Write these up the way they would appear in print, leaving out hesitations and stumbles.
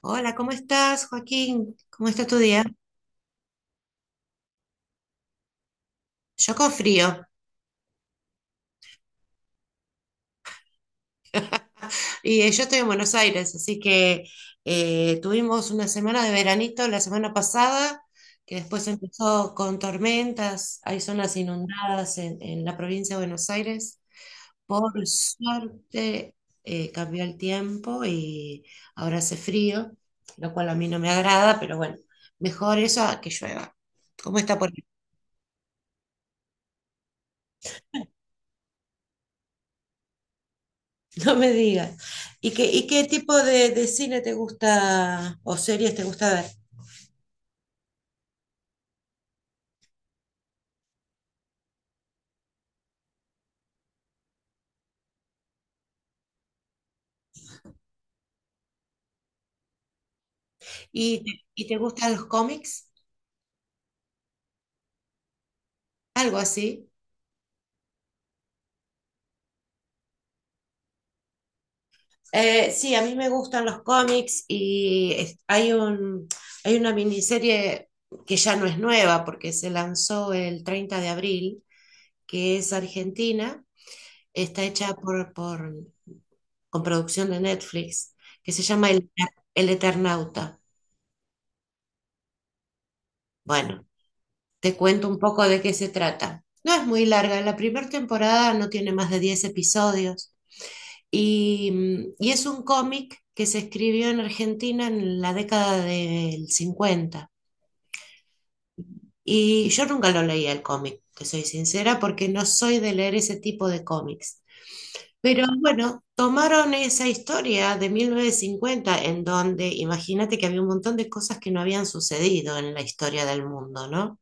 Hola, ¿cómo estás, Joaquín? ¿Cómo está tu día? Yo con frío y yo estoy en Buenos Aires, así que tuvimos una semana de veranito la semana pasada, que después empezó con tormentas, hay zonas inundadas en la provincia de Buenos Aires. Por suerte cambió el tiempo y ahora hace frío, lo cual a mí no me agrada, pero bueno, mejor eso a que llueva. ¿Cómo está por... No me digas. Y qué tipo de cine te gusta o series te gusta ver? ¿Y te gustan los cómics? ¿Algo así? Sí, a mí me gustan los cómics y hay un, hay una miniserie que ya no es nueva porque se lanzó el 30 de abril, que es Argentina, está hecha por, con producción de Netflix, que se llama El Eternauta. Bueno, te cuento un poco de qué se trata. No es muy larga, la primera temporada no tiene más de 10 episodios y, es un cómic que se escribió en Argentina en la década del 50. Y yo nunca lo leía el cómic, te soy sincera, porque no soy de leer ese tipo de cómics. Pero bueno, tomaron esa historia de 1950 en donde imagínate que había un montón de cosas que no habían sucedido en la historia del mundo, ¿no?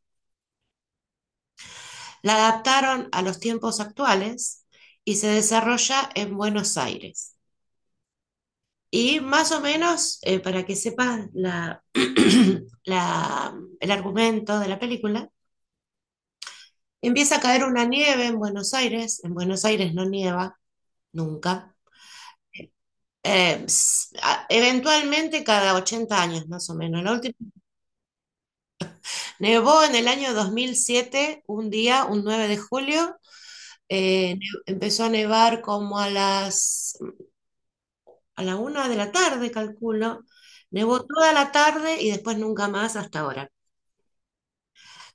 La adaptaron a los tiempos actuales y se desarrolla en Buenos Aires. Y más o menos, para que sepas el argumento de la película, empieza a caer una nieve en Buenos Aires. En Buenos Aires no nieva nunca. Eh, Eventualmente cada 80 años más o menos. La última, nevó en el año 2007 un día, un 9 de julio. Eh, empezó a nevar como a la una de la tarde, calculo. Nevó toda la tarde y después nunca más hasta ahora.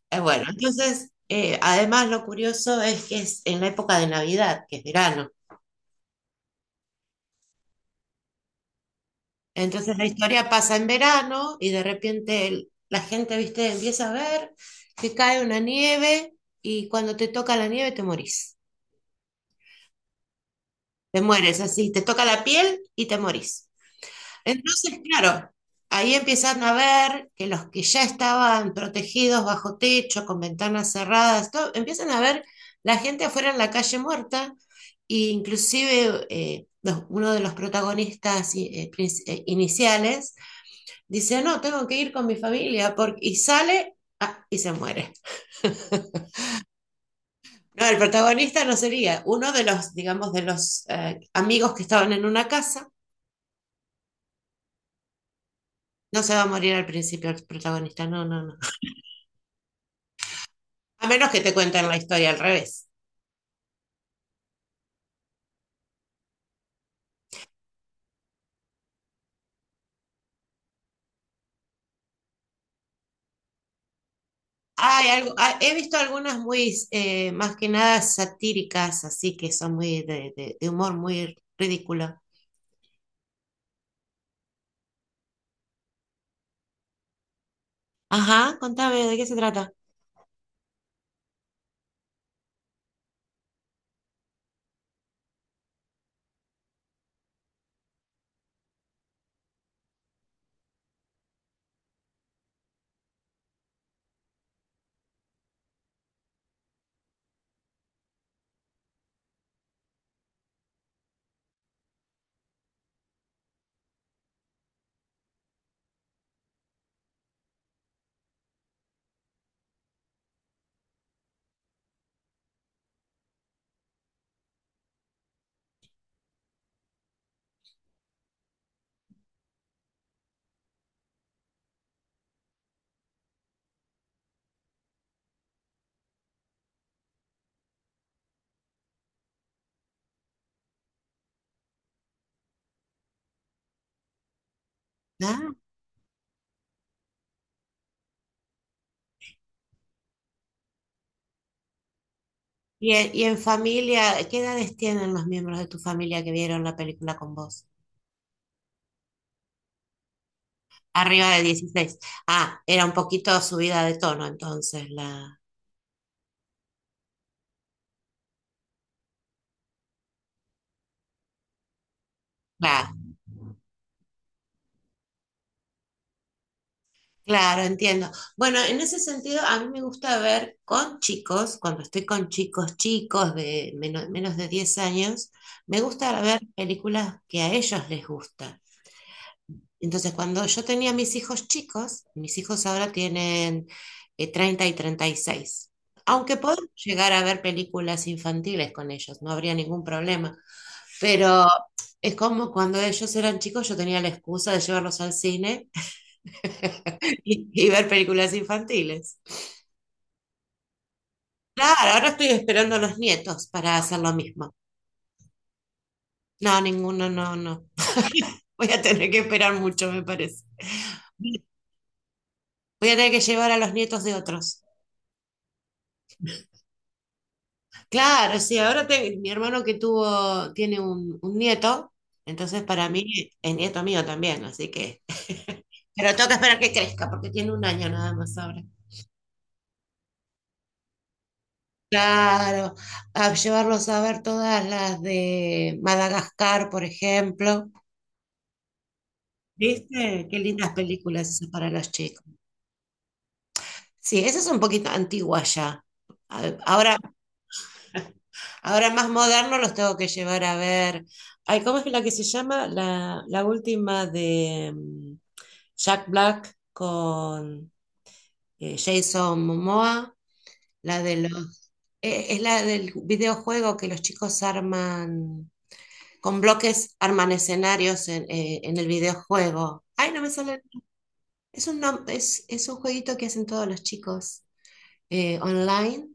Bueno, entonces, además lo curioso es que es en la época de Navidad, que es verano. Entonces la historia pasa en verano y de repente la gente, viste, empieza a ver que cae una nieve y cuando te toca la nieve te morís. Te mueres así, te toca la piel y te morís. Entonces, claro, ahí empiezan a ver que los que ya estaban protegidos bajo techo, con ventanas cerradas, todo, empiezan a ver la gente afuera en la calle muerta, e inclusive uno de los protagonistas iniciales dice, no, tengo que ir con mi familia, porque... y sale y se muere. No, el protagonista no sería uno de los, digamos, de los amigos que estaban en una casa. No se va a morir al principio el protagonista, no, no, no. A menos que te cuenten la historia al revés. Hay algo, he visto algunas muy, más que nada satíricas, así que son muy de, de humor muy ridículo. Ajá, contame, ¿de qué se trata? Ah, y en familia, ¿qué edades tienen los miembros de tu familia que vieron la película con vos? Arriba de 16. Ah, era un poquito subida de tono entonces la... Claro, entiendo. Bueno, en ese sentido, a mí me gusta ver con chicos, cuando estoy con chicos, chicos de menos de 10 años, me gusta ver películas que a ellos les gustan. Entonces, cuando yo tenía mis hijos chicos, mis hijos ahora tienen 30 y 36. Aunque puedo llegar a ver películas infantiles con ellos, no habría ningún problema. Pero es como cuando ellos eran chicos, yo tenía la excusa de llevarlos al cine y ver películas infantiles. Claro, ahora estoy esperando a los nietos para hacer lo mismo. No, ninguno, no, no. Voy a tener que esperar mucho, me parece. Voy a tener que llevar a los nietos de otros. Claro, sí, ahora mi hermano que tuvo, tiene un, nieto, entonces para mí es nieto mío también, así que... Pero tengo que esperar que crezca porque tiene 1 año nada más ahora. Claro, a llevarlos a ver todas las de Madagascar, por ejemplo. ¿Viste? Qué lindas películas esas para los chicos. Sí, esa es un poquito antigua ya. Ahora, ahora más moderno los tengo que llevar a ver. Ay, ¿cómo es la que se llama? La última de Jack Black con Jason Momoa, la de los, es la del videojuego que los chicos arman, con bloques arman escenarios en, en el videojuego. Ay, no me sale. Es un, es un jueguito que hacen todos los chicos online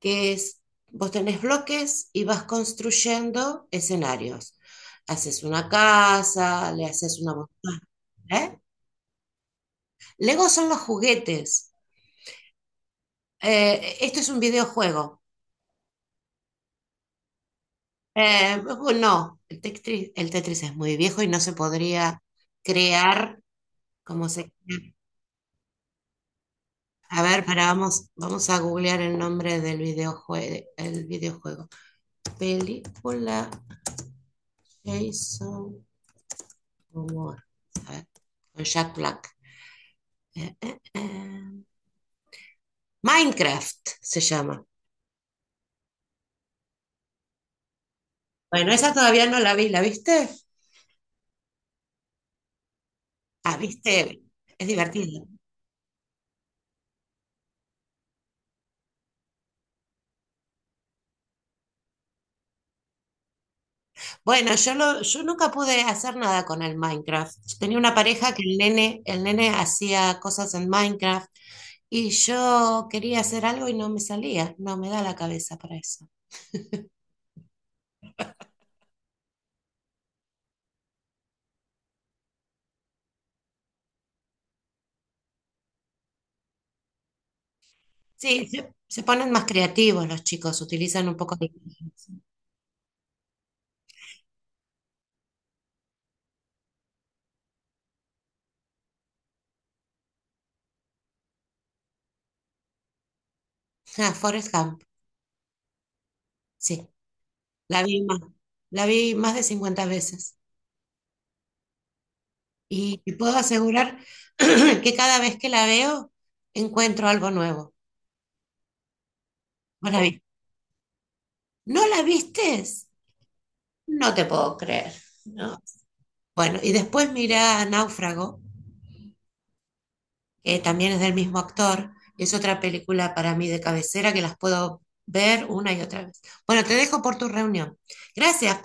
que es, vos tenés bloques y vas construyendo escenarios. Haces una casa, le haces una montaña. ¿Eh? Lego son los juguetes. Esto es un videojuego. Bueno, no, el Tetris es muy viejo y no se podría crear como se... A ver, para, vamos, vamos a googlear el nombre del el videojuego. Película Jason Momoa. A ver, con Jack Black. eh, eh, eh. Minecraft se llama. Bueno, esa todavía no la vi, ¿la viste? Ah, viste, es divertido. Bueno, yo nunca pude hacer nada con el Minecraft. Yo tenía una pareja que el nene hacía cosas en Minecraft y yo quería hacer algo y no me salía, no me da la cabeza para eso. Sí, se ponen más creativos los chicos, utilizan un poco de inteligencia. Ah, Forrest Gump, sí. La vi más, la vi más de 50 veces. Y te puedo asegurar que cada vez que la veo, encuentro algo nuevo. Maravilloso. ¿No la vistes? No te puedo creer. ¿No? Bueno, y después mira Náufrago, que también es del mismo actor. Es otra película para mí de cabecera que las puedo ver una y otra vez. Bueno, te dejo por tu reunión. Gracias.